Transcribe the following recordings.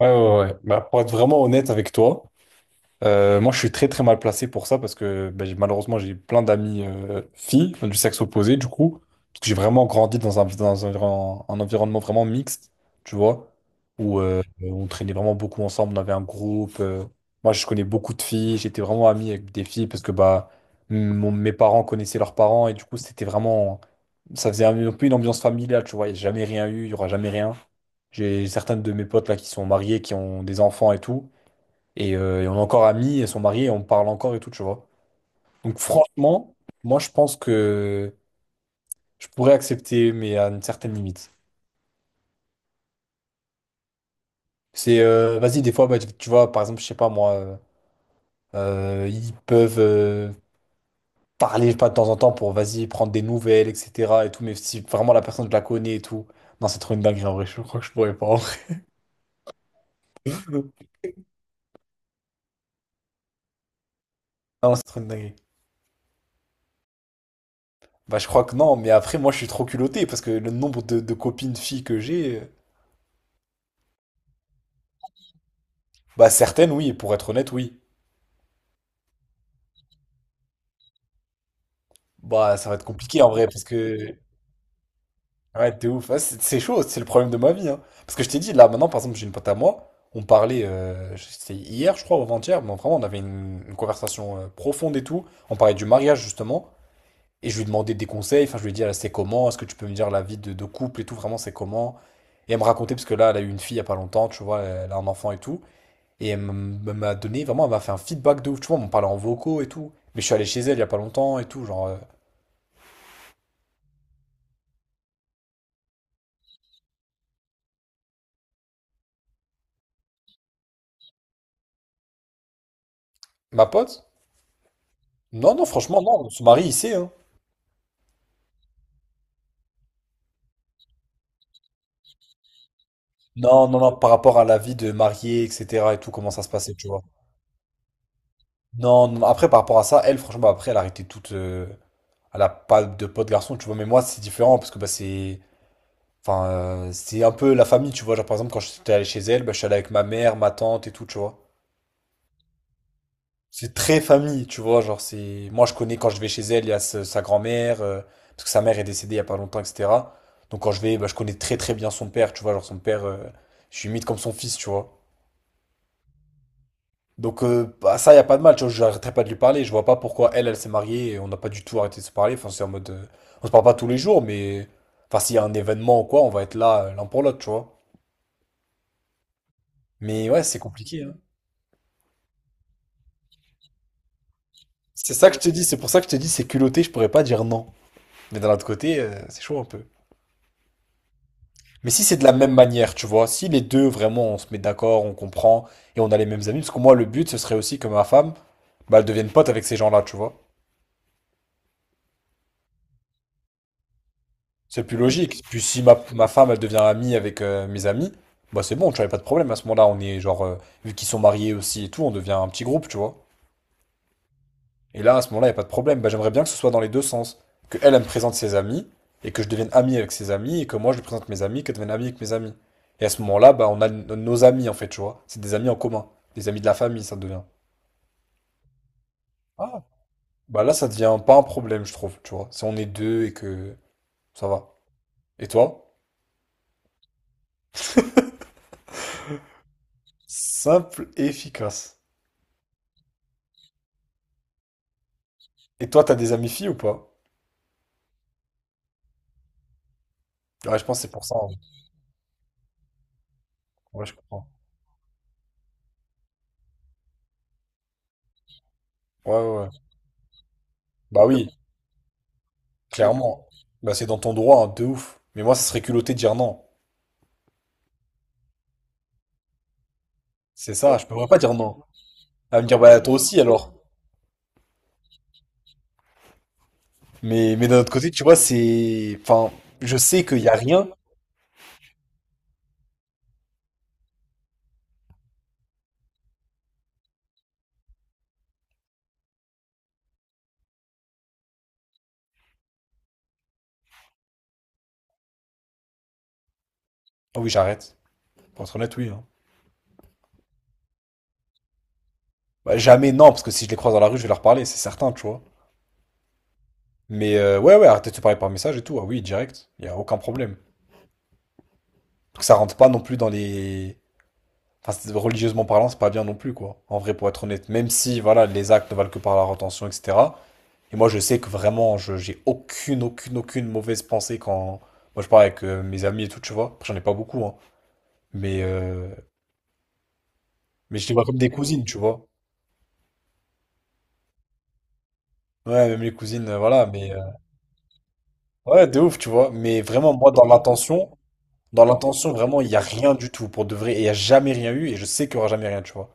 Ouais, ouais, ouais. Bah, pour être vraiment honnête avec toi, moi, je suis très très mal placé pour ça parce que ben, malheureusement, j'ai plein d'amis filles enfin, du sexe opposé, du coup, parce que j'ai vraiment grandi dans un, un environnement vraiment mixte, tu vois, où on traînait vraiment beaucoup ensemble, on avait un groupe. Moi, je connais beaucoup de filles, j'étais vraiment ami avec des filles parce que bah, mes parents connaissaient leurs parents et du coup, c'était vraiment. Ça faisait un peu une ambiance familiale, tu vois, il n'y a jamais rien eu, il n'y aura jamais rien. J'ai certaines de mes potes là qui sont mariées, qui ont des enfants et tout. Et on est encore amis, et sont mariées, et on parle encore et tout, tu vois. Donc franchement, moi je pense que je pourrais accepter, mais à une certaine limite. C'est, vas-y, des fois, bah, tu vois, par exemple, je sais pas moi, ils peuvent parler, je sais pas, de temps en temps pour, vas-y, prendre des nouvelles, etc. et tout, mais si vraiment la personne, je la connais et tout. Non, c'est trop une dinguerie en vrai, je crois que je pourrais pas en vrai. Non, c'est trop une dinguerie. Bah, je crois que non, mais après, moi, je suis trop culotté parce que le nombre de copines filles que j'ai, bah, certaines, oui, pour être honnête, oui. Bah, ça va être compliqué en vrai, parce que. Ouais, t'es ouf. Ouais, c'est chaud, c'est le problème de ma vie, hein. Parce que je t'ai dit, là, maintenant, par exemple, j'ai une pote à moi. On parlait, c'était hier, je crois, ou avant-hier, mais vraiment, on avait une conversation profonde et tout. On parlait du mariage, justement. Et je lui demandais des conseils. Enfin, je lui ai dit, ah, c'est comment? Est-ce que tu peux me dire la vie de couple et tout? Vraiment, c'est comment? Et elle me racontait, parce que là, elle a eu une fille il y a pas longtemps, tu vois, elle a un enfant et tout. Et elle m'a donné, vraiment, elle m'a fait un feedback de ouf. Tu vois, on parlait en vocaux et tout. Mais je suis allé chez elle il y a pas longtemps et tout. Genre, ma pote. Non, non, franchement, non, on se marie, il sait, hein. Non, non, non, par rapport à la vie de mariée, etc. et tout, comment ça se passait, tu vois. Non, non, après, par rapport à ça, elle, franchement, après, elle a arrêté toute. Elle a pas de pote garçon, tu vois, mais moi, c'est différent parce que bah, c'est. Enfin, c'est un peu la famille, tu vois. Genre, par exemple, quand j'étais allé chez elle, bah, je suis allé avec ma mère, ma tante et tout, tu vois. C'est très famille, tu vois. Genre, c'est. Moi, je connais quand je vais chez elle, il y a sa grand-mère, parce que sa mère est décédée il y a pas longtemps, etc. Donc, quand je vais, bah, je connais très, très bien son père, tu vois. Genre, son père, je suis limite comme son fils, tu vois. Donc bah, ça, il a pas de mal, tu vois, j'arrêterai pas de lui parler. Je vois pas pourquoi elle, elle s'est mariée et on n'a pas du tout arrêté de se parler. Enfin, c'est en mode, on se parle pas tous les jours, mais... enfin, s'il y a un événement ou quoi, on va être là l'un pour l'autre, tu vois. Mais ouais, c'est compliqué, hein. C'est ça que je te dis, c'est pour ça que je te dis, c'est culotté, je pourrais pas dire non. Mais d'un autre côté, c'est chaud un peu. Mais si c'est de la même manière, tu vois, si les deux, vraiment, on se met d'accord, on comprend, et on a les mêmes amis, parce que moi, le but, ce serait aussi que ma femme, bah, elle devienne pote avec ces gens-là, tu vois. C'est plus logique. Puis si ma femme, elle devient amie avec mes amis, bah c'est bon, tu n'avais pas de problème. À ce moment-là, on est genre, vu qu'ils sont mariés aussi et tout, on devient un petit groupe, tu vois. Et là, à ce moment-là, il a pas de problème. Bah, j'aimerais bien que ce soit dans les deux sens. Que elle, elle me présente ses amis, et que je devienne ami avec ses amis, et que moi, je lui présente mes amis, qu'elle devienne amie avec mes amis. Et à ce moment-là, bah, nos amis, en fait, tu vois. C'est des amis en commun. Des amis de la famille, ça devient. Ah, bah là, ça devient pas un problème, je trouve, tu vois. Si on est deux et que ça va. Et toi? Simple et efficace. Et toi, t'as des amis filles ou pas? Ouais, je pense que c'est pour ça, hein. Ouais, je comprends. Ouais, ouais, ouais. Bah oui, clairement. Bah c'est dans ton droit, hein, de ouf. Mais moi, ça serait culotté de dire non. C'est ça, je pourrais pas dire non. Elle va me dire, bah toi aussi alors. Mais d'un autre côté, tu vois, c'est... enfin, je sais qu'il y a rien. Ah oui, j'arrête. Pour être honnête, oui, hein. Bah jamais non, parce que si je les croise dans la rue, je vais leur parler, c'est certain, tu vois. Mais ouais, ouais, arrêtez de se parler par message et tout. Ah oui, direct. Il y a aucun problème. Donc ça rentre pas non plus dans les... enfin, religieusement parlant, c'est pas bien non plus, quoi. En vrai, pour être honnête, même si, voilà, les actes ne valent que par la retention, etc. Et moi, je sais que vraiment, j'ai aucune, aucune, aucune mauvaise pensée quand. Moi, je parle avec mes amis et tout, tu vois. Après, j'en ai pas beaucoup, hein. Mais, euh, mais je les vois comme des cousines, tu vois. Ouais, même les cousines, voilà. Mais, ouais, de ouf, tu vois. Mais vraiment, moi, dans l'intention, vraiment, il y a rien du tout, pour de vrai. Et il y a jamais rien eu, et je sais qu'il y aura jamais rien, tu vois.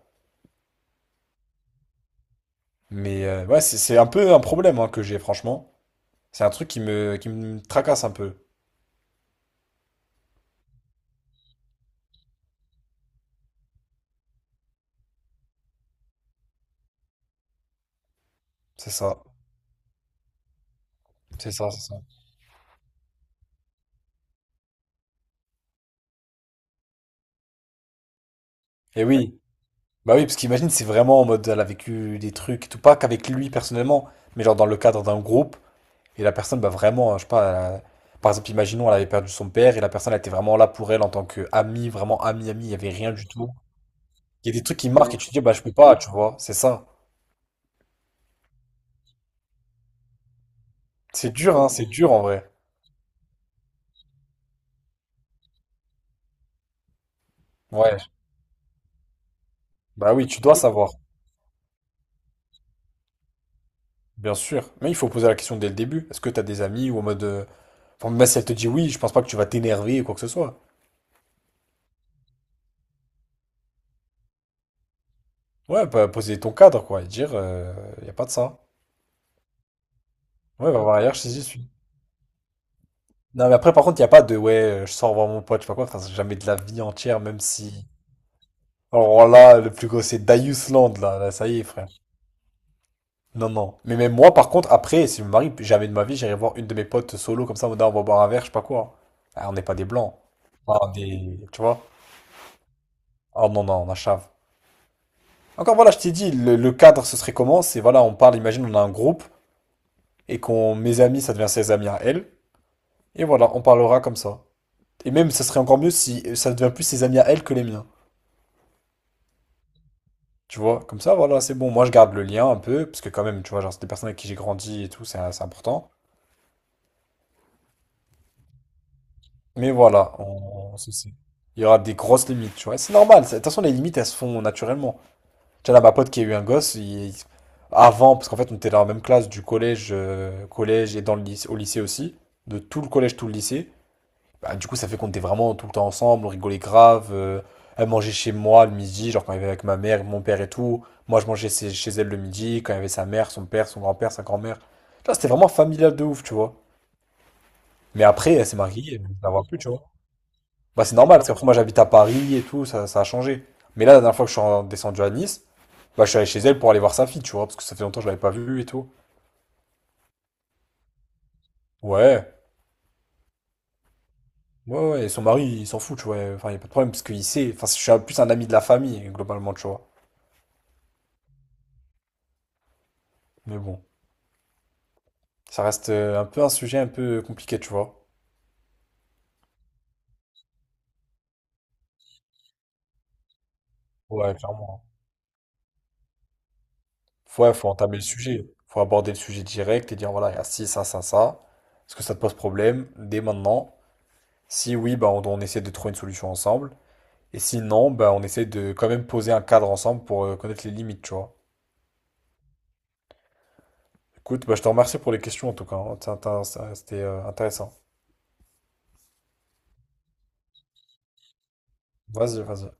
Mais, ouais, c'est un peu un problème, hein, que j'ai, franchement. C'est un truc qui me tracasse un peu. C'est ça, c'est ça, c'est ça. Et oui, bah oui, parce qu'imagine, c'est vraiment en mode, elle a vécu des trucs, et tout pas qu'avec lui personnellement, mais genre dans le cadre d'un groupe, et la personne, bah vraiment, hein, je sais pas, par exemple, imaginons, elle avait perdu son père, et la personne, elle était vraiment là pour elle en tant qu'amie, vraiment amie, amie, il y avait rien du tout. Il y a des trucs qui marquent, et tu te dis, bah je peux pas, tu vois, c'est ça. C'est dur, hein, c'est dur en vrai. Ouais, bah oui, tu dois savoir, bien sûr. Mais il faut poser la question dès le début, est-ce que t'as des amis, ou en mode, enfin, même si elle te dit oui, je pense pas que tu vas t'énerver ou quoi que ce soit. Ouais, bah, poser ton cadre, quoi, et dire, il n'y a pas de ça. Ouais, va voir ailleurs si j'y suis. Non, mais après, par contre, il n'y a pas de, ouais, je sors voir mon pote, je sais pas quoi, frère, c'est jamais de la vie entière, même si. Alors là, le plus gros, c'est Darius Land, là, là, ça y est, frère. Non, non. Mais même moi, par contre, après, si je me marie, jamais de ma vie, j'irai voir une de mes potes solo, comme ça, en mode, ah, on va boire un verre, je sais pas quoi. Ah, on n'est pas des blancs. Tu vois? Oh non, non, on a chave. Encore voilà, je t'ai dit, le cadre, ce serait comment? C'est voilà, on parle, imagine, on a un groupe, et qu'on, mes amis, ça devient ses amis à elle. Et voilà, on parlera comme ça. Et même, ça serait encore mieux si ça devient plus ses amis à elle que les miens. Tu vois, comme ça, voilà, c'est bon. Moi, je garde le lien un peu, parce que quand même, tu vois, genre, c'est des personnes avec qui j'ai grandi et tout, c'est important. Mais voilà, il y aura des grosses limites, tu vois. De toute façon, les limites, elles se font naturellement. Tu vois, là, ma pote qui a eu un avant, parce qu'en fait, on était dans la même classe du collège, collège et dans le lycée, au lycée aussi, de tout le collège, tout le lycée. Bah, du coup, ça fait qu'on était vraiment tout le temps ensemble, on rigolait grave. Elle mangeait chez moi le midi, genre quand elle était avec ma mère, mon père et tout. Moi, je mangeais chez elle le midi, quand il y avait sa mère, son père, son grand-père, sa grand-mère. Là, c'était vraiment familial de ouf, tu vois. Mais après, elle s'est mariée, je ne la vois plus, tu vois. Bah, c'est normal, parce qu'après, moi, j'habite à Paris et tout, ça a changé. Mais là, la dernière fois que descendu à Nice, bah, je suis allé chez elle pour aller voir sa fille, tu vois, parce que ça fait longtemps que je l'avais pas vue et tout. Ouais, ouais, ouais, et son mari, il s'en fout, tu vois. Enfin, il n'y a pas de problème, parce qu'il sait. Enfin, plus un ami de la famille, globalement, tu vois. Mais bon. Ça reste un peu un sujet un peu compliqué, tu vois. Ouais, clairement. Ouais, faut entamer le sujet. Faut aborder le sujet direct et dire voilà, il y a ci, ça, ça, ça. Est-ce que ça te pose problème dès maintenant? Si oui, bah, on essaie de trouver une solution ensemble. Et si non, bah, on essaie de quand même poser un cadre ensemble pour connaître les limites, tu vois. Écoute, bah, je te remercie pour les questions en tout cas, hein. C'était intéressant. Vas-y, vas-y.